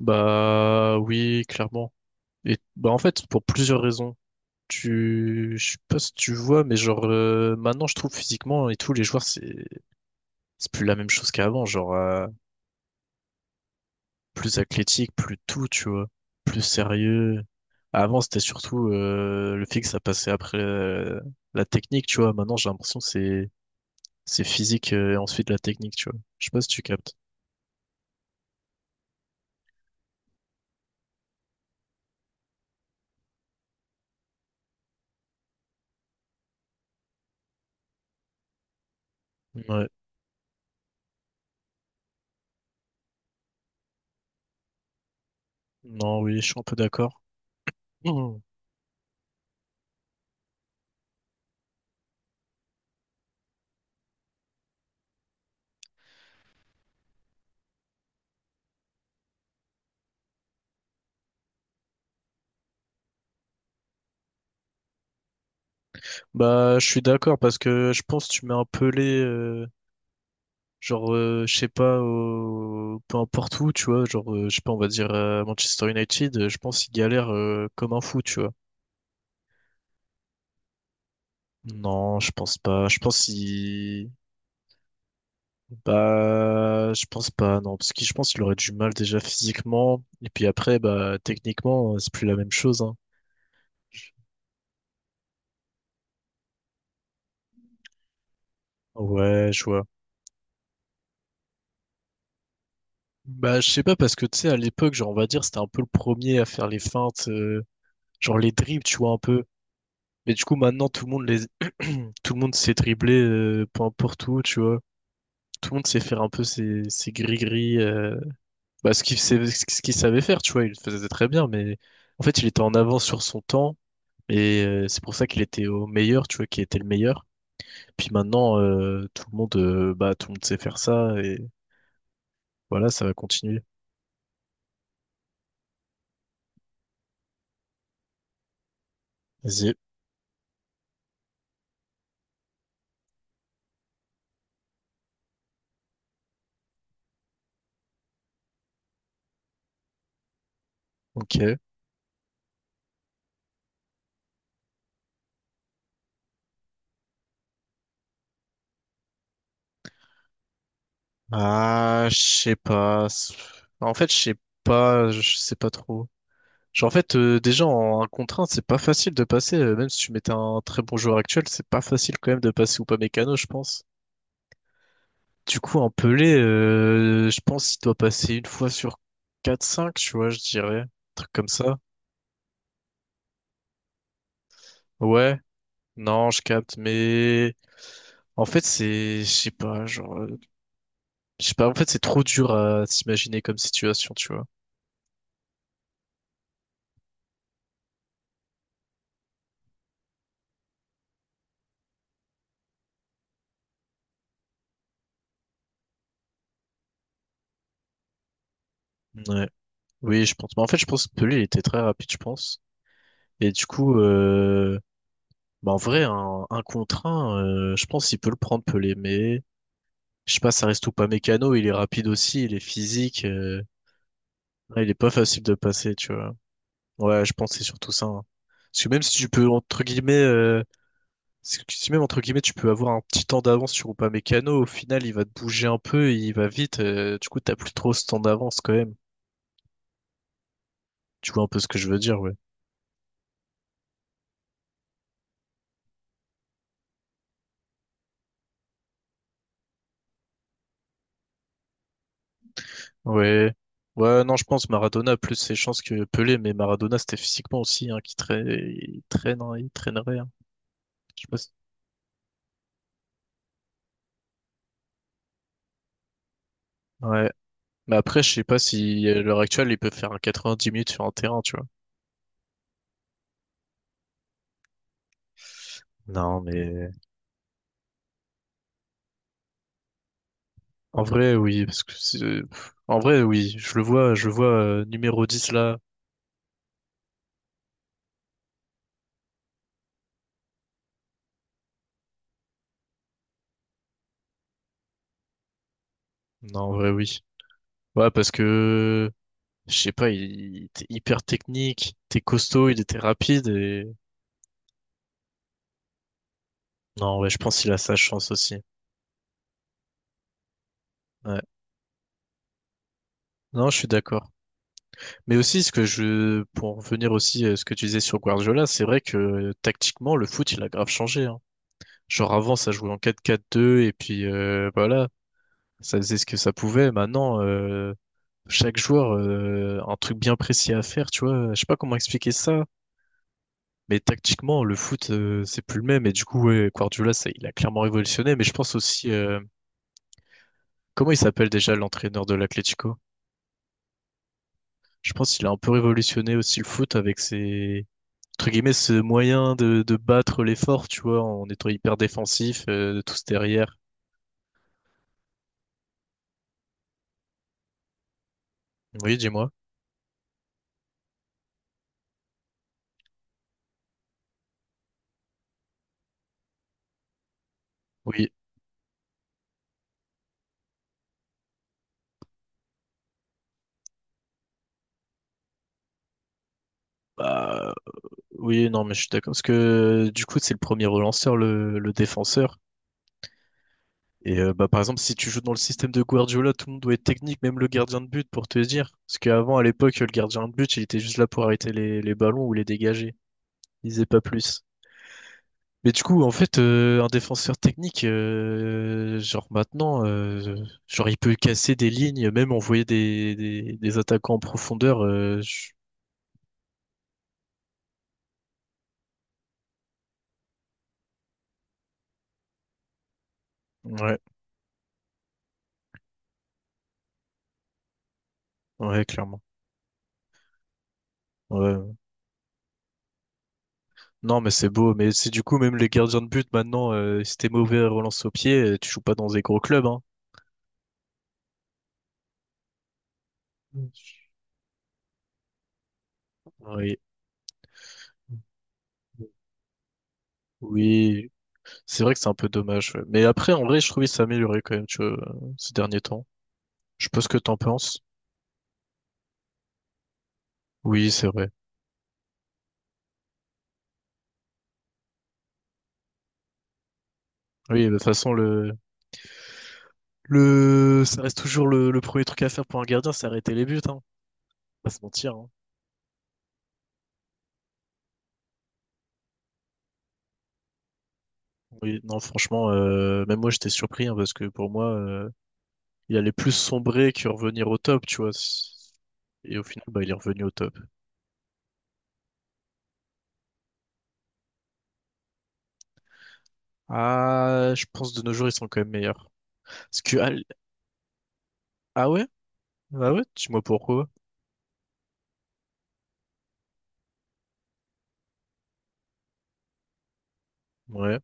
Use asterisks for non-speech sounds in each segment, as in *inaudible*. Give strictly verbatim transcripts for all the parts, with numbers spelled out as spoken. Bah oui, clairement. Et bah en fait, pour plusieurs raisons. Tu, je sais pas si tu vois, mais genre euh, maintenant je trouve physiquement et tout, les joueurs c'est c'est plus la même chose qu'avant, genre euh, plus athlétique, plus tout, tu vois, plus sérieux. Avant c'était surtout euh, le fixe, ça passait après euh, la technique, tu vois. Maintenant j'ai l'impression que c'est c'est physique euh, et ensuite la technique, tu vois. Je sais pas si tu captes. Ouais. Non, oui, je suis un peu d'accord. *clears throat* Bah, je suis d'accord parce que je pense que tu mets un Pelé, euh, genre, euh, je sais pas, au- peu importe où, tu vois, genre, euh, je sais pas, on va dire euh, Manchester United, euh, je pense qu'il galère euh, comme un fou, tu vois. Non, je pense pas. Je pense qu'il... Bah, je pense pas, non, parce que je pense qu'il aurait du mal déjà physiquement, et puis après, bah, techniquement, euh, c'est plus la même chose, hein. Ouais, je vois. Bah, je sais pas, parce que tu sais, à l'époque, genre, on va dire, c'était un peu le premier à faire les feintes, euh, genre les dribbles, tu vois, un peu. Mais du coup, maintenant, tout le monde les... tout le monde sait dribbler, euh, peu importe où, tu vois. Tout le monde sait faire un peu ses, ses gris-gris, euh, bah, ce qu'il savait, ce qu'il savait faire, tu vois. Il le faisait très bien, mais en fait, il était en avance sur son temps. Et euh, c'est pour ça qu'il était au meilleur, tu vois, qu'il était le meilleur. Puis maintenant, euh, tout le monde, euh, bah, tout le monde sait faire ça. Et voilà, ça va continuer. Vas-y. Ok. Ah, je sais pas. En fait, je sais pas. Je sais pas trop. Genre, en fait, euh, déjà en un contre un, c'est pas facile de passer. euh, même si tu mettais un très bon joueur actuel, c'est pas facile quand même de passer ou pas Mécano, je pense. Du coup, un Pelé, euh, je pense qu'il doit passer une fois sur quatre cinq, tu vois, je dirais. Un truc comme ça. Ouais, non, je capte, mais en fait, c'est, je sais pas, genre. euh, Je sais pas, en fait, c'est trop dur à s'imaginer comme situation, tu vois. Ouais. Oui, je pense. Mais en fait, je pense que lui, il était très rapide, je pense. Et du coup, euh... bah, en vrai, un, un contre un, euh, je pense qu'il peut le prendre, Pelé. Mais je sais pas, ça reste ou pas mécano. Il est rapide aussi, il est physique. euh, ouais, il est pas facile de passer, tu vois. Ouais, je pense que c'est surtout ça, hein. Parce que même si tu peux, entre guillemets, euh, si si même, entre guillemets, tu peux avoir un petit temps d'avance sur Upamecano, au final, il va te bouger un peu, il va vite, euh, du coup, t'as plus trop ce temps d'avance quand même. Tu vois un peu ce que je veux dire, ouais. Ouais. Ouais, non, je pense Maradona a plus ses chances que Pelé, mais Maradona, c'était physiquement aussi, hein, qui traîne, il traîne, hein, il traînerait, hein. Je sais pas si- Ouais. Mais après, je sais pas si, à l'heure actuelle, il peut faire un quatre-vingt-dix minutes sur un terrain, tu vois. Non, mais... En vrai, oui, parce que c'est- en vrai, oui, je le vois, je le vois euh, numéro dix là. Non, en vrai, oui. Ouais, parce que je sais pas, il, il était hyper technique, il était costaud, il était rapide et non, ouais, je pense qu'il a sa chance aussi. Ouais. Non, je suis d'accord. Mais aussi ce que je pour revenir aussi à ce que tu disais sur Guardiola, c'est vrai que euh, tactiquement le foot, il a grave changé, hein. Genre avant ça jouait en quatre quatre deux et puis euh, voilà, ça faisait ce que ça pouvait. Maintenant euh, chaque joueur euh, un truc bien précis à faire, tu vois. Je sais pas comment expliquer ça, mais tactiquement, le foot, euh, c'est plus le même. Et du coup, ouais, Guardiola, ça, il a clairement révolutionné. Mais je pense aussi, euh, comment il s'appelle déjà l'entraîneur de l'Atlético? Je pense qu'il a un peu révolutionné aussi le foot avec ses, entre guillemets, ce moyen de, de, battre l'effort, tu vois, en étant hyper défensif, euh, de tous derrière. Oui, dis-moi. Oui. Bah, oui, non, mais je suis d'accord. Parce que, euh, du coup, c'est le premier relanceur, le, le défenseur. Et euh, bah, par exemple, si tu joues dans le système de Guardiola, tout le monde doit être technique, même le gardien de but, pour te dire. Parce qu'avant, à l'époque, le gardien de but, il était juste là pour arrêter les, les ballons ou les dégager. Il faisait pas plus. Mais du coup, en fait, euh, un défenseur technique, euh, genre maintenant, euh, genre il peut casser des lignes, même envoyer des, des, des attaquants en profondeur. euh, je- Ouais, ouais, clairement. Ouais. Ouais. Non, mais c'est beau. Mais c'est du coup, même les gardiens de but, maintenant, euh, si t'es mauvais à relance au pied, euh, tu joues pas dans des gros clubs, hein. Oui. Oui, c'est vrai que c'est un peu dommage, ouais. Mais après, en vrai, je trouve qu'il s'est amélioré quand même, tu vois, euh, ces derniers temps. Je sais pas ce que t'en penses. Oui, c'est vrai. Oui, de toute façon, le, le, ça reste toujours le, le premier truc à faire pour un gardien, c'est arrêter les buts, hein. Pas se mentir, hein. Oui, non, franchement, euh, même moi, j'étais surpris, hein, parce que pour moi, euh, il allait plus sombrer que revenir au top, tu vois. Et au final, bah, il est revenu au top. Ah, je pense de nos jours, ils sont quand même meilleurs. Parce que, ah... Ah ouais? Ah ouais? Dis-moi pourquoi. Ouais.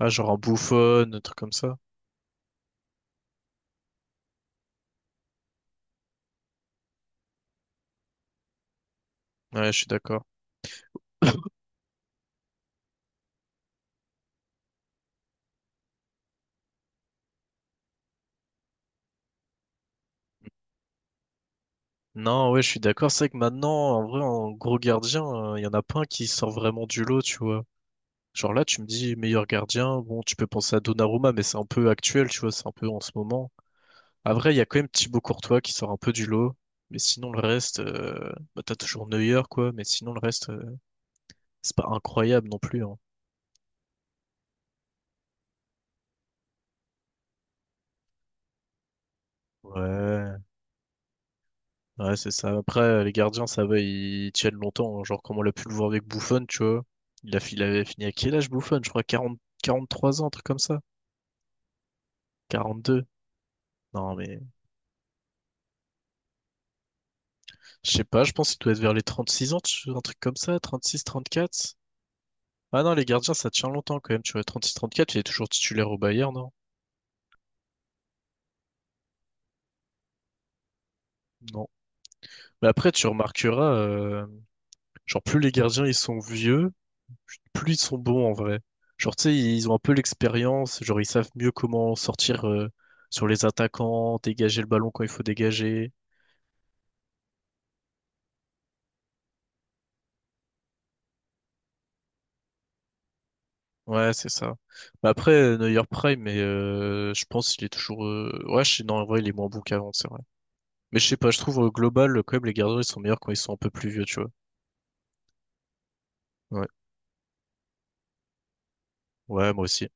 Ah, genre en bouffonne, un truc comme ça. Ouais, je suis d'accord. Non, ouais, je suis d'accord. C'est vrai que maintenant, en vrai, en gros gardien, euh, il y en a pas un qui sort vraiment du lot, tu vois. Genre là, tu me dis meilleur gardien, bon, tu peux penser à Donnarumma, mais c'est un peu actuel, tu vois, c'est un peu en ce moment. À vrai, il y a quand même Thibaut Courtois qui sort un peu du lot, mais sinon le reste, euh, bah, t'as toujours Neuer, quoi, mais sinon le reste, euh, c'est pas incroyable non plus, hein. Ouais. Ouais, c'est ça. Après, les gardiens, ça va, ils tiennent longtemps, hein. Genre, comme on l'a pu le voir avec Buffon, tu vois. Il a, fi- il avait fini à quel âge, Buffon? Je crois quarante quarante trois ans, un truc comme ça. Quarante deux. Non, mais je sais pas, je pense qu'il doit être vers les trente six ans, tu- un truc comme ça, trente six trente quatre. Ah non, les gardiens, ça tient longtemps quand même, tu vois. Trente six trente quatre, il est toujours titulaire au Bayern, non? Non. Mais après, tu remarqueras, euh, genre, plus les gardiens, ils sont vieux, plus ils sont bons en vrai. Genre, tu sais, ils ont un peu l'expérience, genre, ils savent mieux comment sortir euh, sur les attaquants, dégager le ballon quand il faut dégager. Ouais, c'est ça. Mais après, euh, Neuer Prime, mais euh, je pense qu'il est toujours. euh, Ouais, je... sais- non, en vrai, il est moins bon qu'avant, c'est vrai. Mais je sais pas, je trouve au global, quand même, les gardiens, ils sont meilleurs quand ils sont un peu plus vieux, tu vois. Ouais, ouais, moi aussi.